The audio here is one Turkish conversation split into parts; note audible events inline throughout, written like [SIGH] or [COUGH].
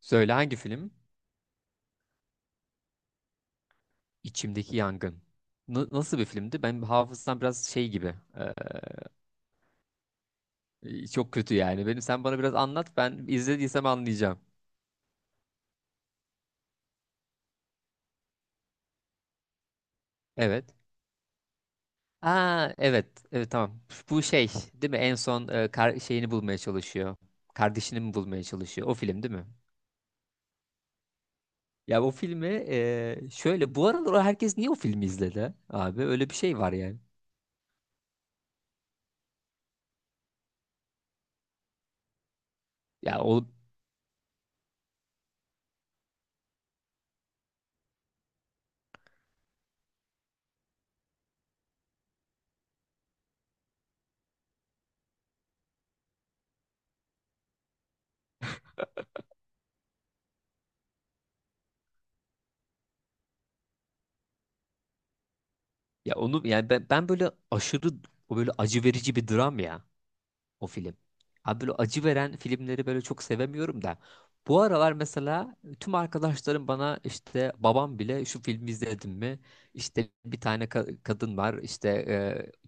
Söyle, hangi film? İçimdeki Yangın. Nasıl bir filmdi? Benim hafızam biraz şey gibi. Çok kötü yani. Benim sen bana biraz anlat. Ben izlediysem anlayacağım. Evet. Aa, evet. Evet, tamam. Bu şey değil mi? En son şeyini bulmaya çalışıyor. Kardeşini mi bulmaya çalışıyor? O film değil mi? Ya o filmi, şöyle, bu aralar herkes niye o filmi izledi abi? Öyle bir şey var yani. Ya o ya onu yani ben, ben böyle aşırı, o böyle acı verici bir dram ya, o film. Abi, böyle acı veren filmleri böyle çok sevemiyorum da. Bu aralar mesela tüm arkadaşlarım bana, işte babam bile, şu filmi izledin mi? İşte bir tane kadın var, işte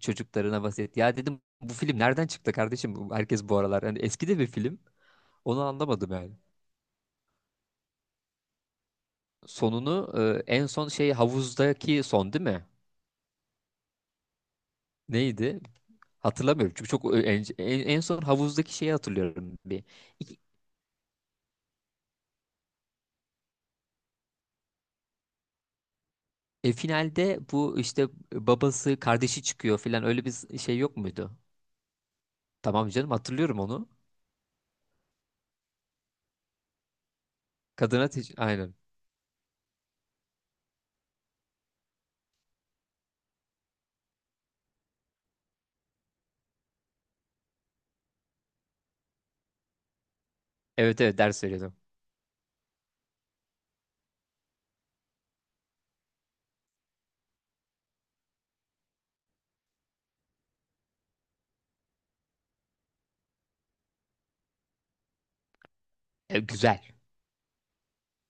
çocuklarına vasiyet. Ya dedim, bu film nereden çıktı kardeşim? Herkes bu aralar. Yani eski de bir film. Onu anlamadım yani. Sonunu en son şey, havuzdaki son değil mi? Neydi? Hatırlamıyorum çünkü çok en son havuzdaki şeyi hatırlıyorum bir. E, finalde bu işte babası, kardeşi çıkıyor filan, öyle bir şey yok muydu? Tamam canım, hatırlıyorum onu. Aynen. Evet evet, ders veriyordum. E, güzel.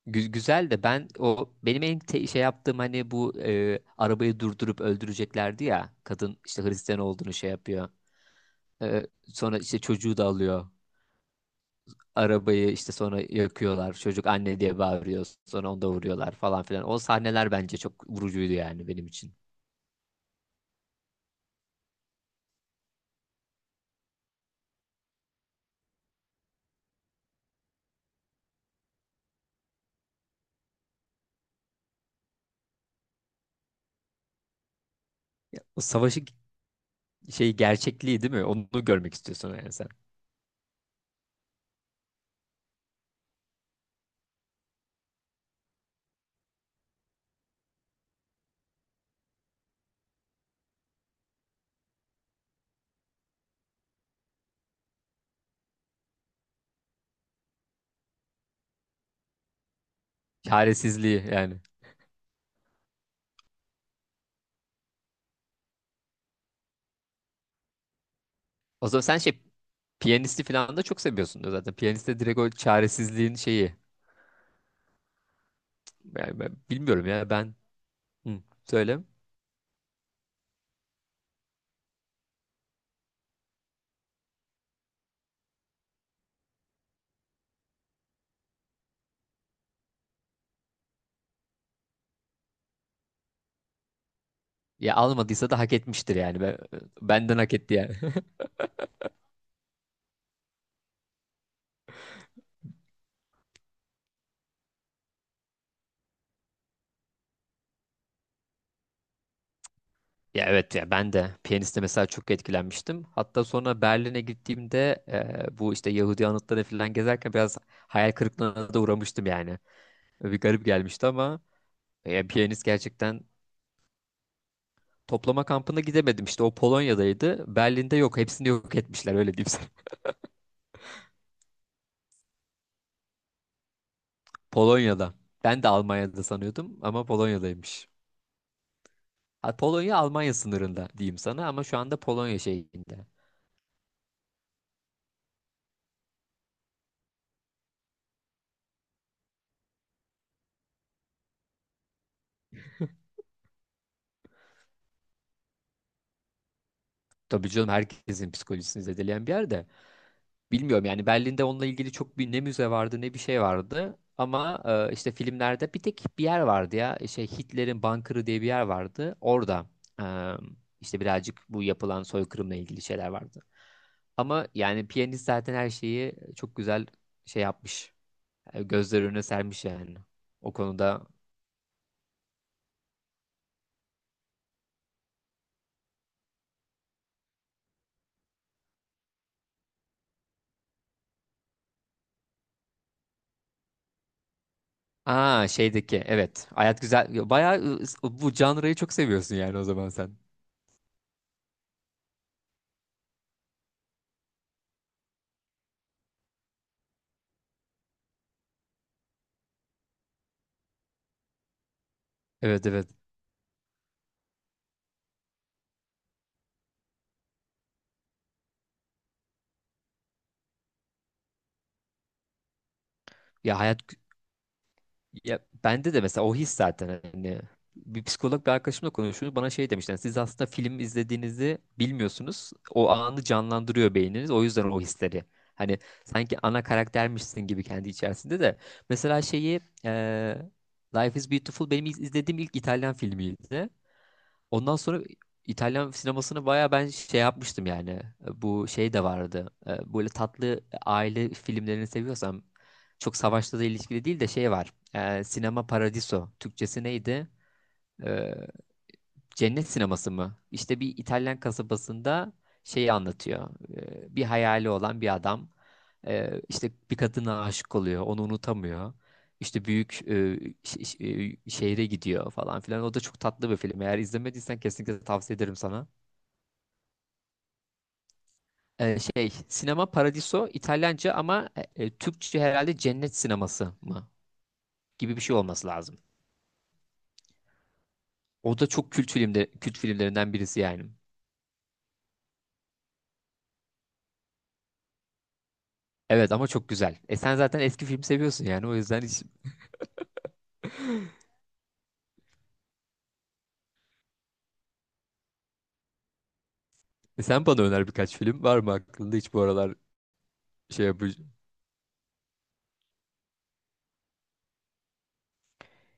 Güzel de, ben o benim şey yaptığım, hani bu arabayı durdurup öldüreceklerdi ya. Kadın işte Hristiyan olduğunu şey yapıyor. E, sonra işte çocuğu da alıyor. Arabayı işte sonra yakıyorlar. Çocuk anne diye bağırıyor. Sonra onu da vuruyorlar falan filan. O sahneler bence çok vurucuydu yani, benim için. O savaşı şey, gerçekliği değil mi? Onu görmek istiyorsun yani sen. Çaresizliği yani. O zaman sen şey, piyanisti falan da çok seviyorsun da zaten. Piyaniste direkt o çaresizliğin şeyi. Yani ben bilmiyorum ya, ben. Hı, söyle. Ya almadıysa da hak etmiştir yani. Ben, benden hak etti yani. [LAUGHS] Ya evet, ya ben de piyaniste mesela çok etkilenmiştim. Hatta sonra Berlin'e gittiğimde bu işte Yahudi anıtları falan gezerken biraz hayal kırıklığına da uğramıştım yani. Bir garip gelmişti ama piyanist gerçekten. Toplama kampına gidemedim, işte o Polonya'daydı. Berlin'de yok, hepsini yok etmişler, öyle diyeyim sana. [LAUGHS] Polonya'da. Ben de Almanya'da sanıyordum ama Polonya'daymış. Ha, Polonya Almanya sınırında diyeyim sana ama şu anda Polonya şeyinde. Tabii canım, herkesin psikolojisini zedeleyen bir yerde. Bilmiyorum yani, Berlin'de onunla ilgili çok, bir ne müze vardı ne bir şey vardı. Ama işte filmlerde bir tek bir yer vardı ya. Şey, Hitler'in bunkerı diye bir yer vardı. Orada e, işte birazcık bu yapılan soykırımla ilgili şeyler vardı. Ama yani piyanist zaten her şeyi çok güzel şey yapmış. E, gözler önüne sermiş yani. O konuda. Aa, şeydeki evet. Hayat güzel. Bayağı, bu janrayı çok seviyorsun yani o zaman sen. Evet evet. Ya hayat, ya bende de mesela o his zaten, hani bir psikolog bir arkadaşımla konuşuyoruz, bana şey demişler, siz aslında film izlediğinizi bilmiyorsunuz, o anı canlandırıyor beyniniz, o yüzden o hisleri, hani sanki ana karaktermişsin gibi kendi içerisinde de mesela şeyi, Life is Beautiful benim izlediğim ilk İtalyan filmiydi. Ondan sonra İtalyan sinemasını baya ben şey yapmıştım yani. Bu şey de vardı. E, böyle tatlı aile filmlerini seviyorsam, çok savaşla da ilişkili değil de şey var. E, Sinema Paradiso. Türkçesi neydi? E, Cennet Sineması mı? İşte bir İtalyan kasabasında şeyi anlatıyor. Bir hayali olan bir adam, işte bir kadına aşık oluyor, onu unutamıyor. İşte büyük, ş- ş- şehre gidiyor falan filan. O da çok tatlı bir film. Eğer izlemediysen kesinlikle tavsiye ederim sana. Şey, Sinema Paradiso İtalyanca ama Türkçe herhalde Cennet Sineması mı gibi bir şey olması lazım. O da çok kült filmde, kült filmlerinden birisi yani. Evet ama çok güzel. E, sen zaten eski film seviyorsun yani o yüzden hiç. E, sen bana öner, birkaç film var mı aklında hiç bu aralar, şey yapacağım.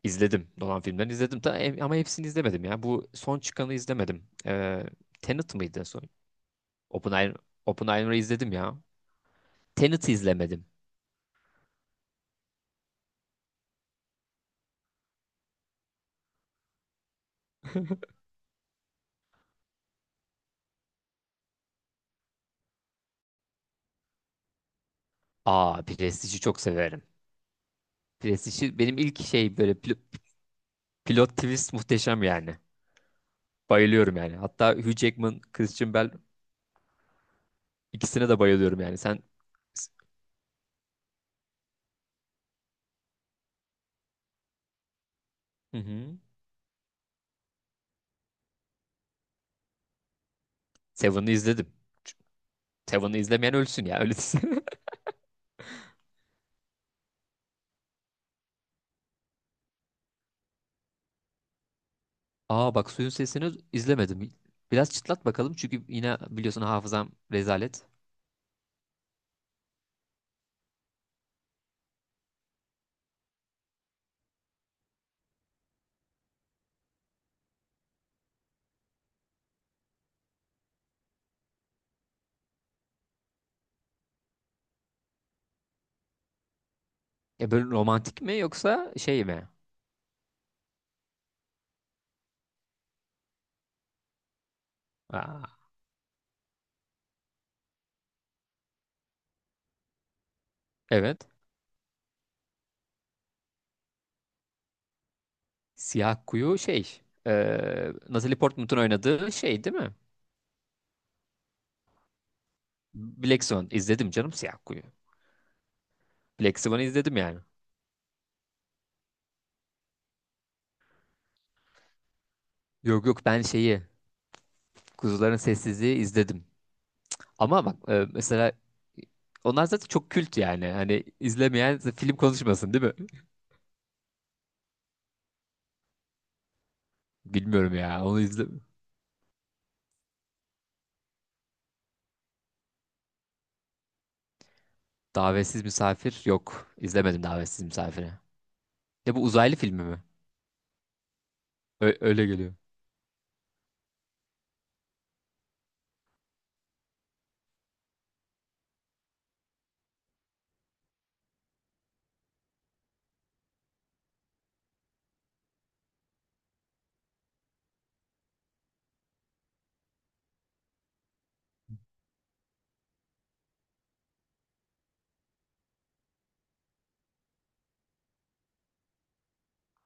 İzledim. Nolan filmlerini izledim. Ama hepsini izlemedim ya. Bu son çıkanı izlemedim. Tenet mıydı en son? Oppenheimer, Oppenheimer'ı izledim ya. Tenet'i izlemedim. Aa, Prestige'i çok severim. Prestige'i benim ilk şey, böyle pilot twist muhteşem yani. Bayılıyorum yani. Hatta Hugh Jackman, Christian Bale, ikisine de bayılıyorum yani. Sen. Hı hı. Seven'ı izledim. Seven'ı izlemeyen ölsün ya. Öyle. [LAUGHS] Aa bak, suyun sesini izlemedim. Biraz çıtlat bakalım çünkü yine biliyorsun, hafızam rezalet. E, böyle romantik mi yoksa şey mi? Aa, evet. Siyah Kuyu şey. E, Natalie Portman'ın oynadığı şey değil mi? Black Swan izledim canım, Siyah Kuyu. Black Swan'ı izledim yani. Yok yok, ben şeyi, Kuzuların Sessizliği izledim. Ama bak, mesela onlar zaten çok kült yani. Hani izlemeyen film konuşmasın değil mi? Bilmiyorum ya, onu izle. Davetsiz misafir yok, İzlemedim davetsiz misafiri. Ne, bu uzaylı filmi mi? Öyle geliyor.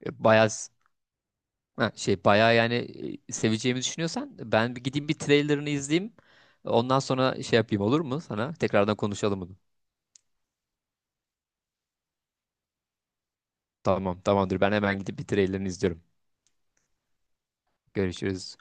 E, bayağı ha, şey, bayağı yani, seveceğimi düşünüyorsan ben bir gideyim, bir trailerını izleyeyim. Ondan sonra şey yapayım, olur mu sana? Tekrardan konuşalım bunu. Tamam, tamamdır, ben hemen gidip bir trailerını izliyorum. Görüşürüz.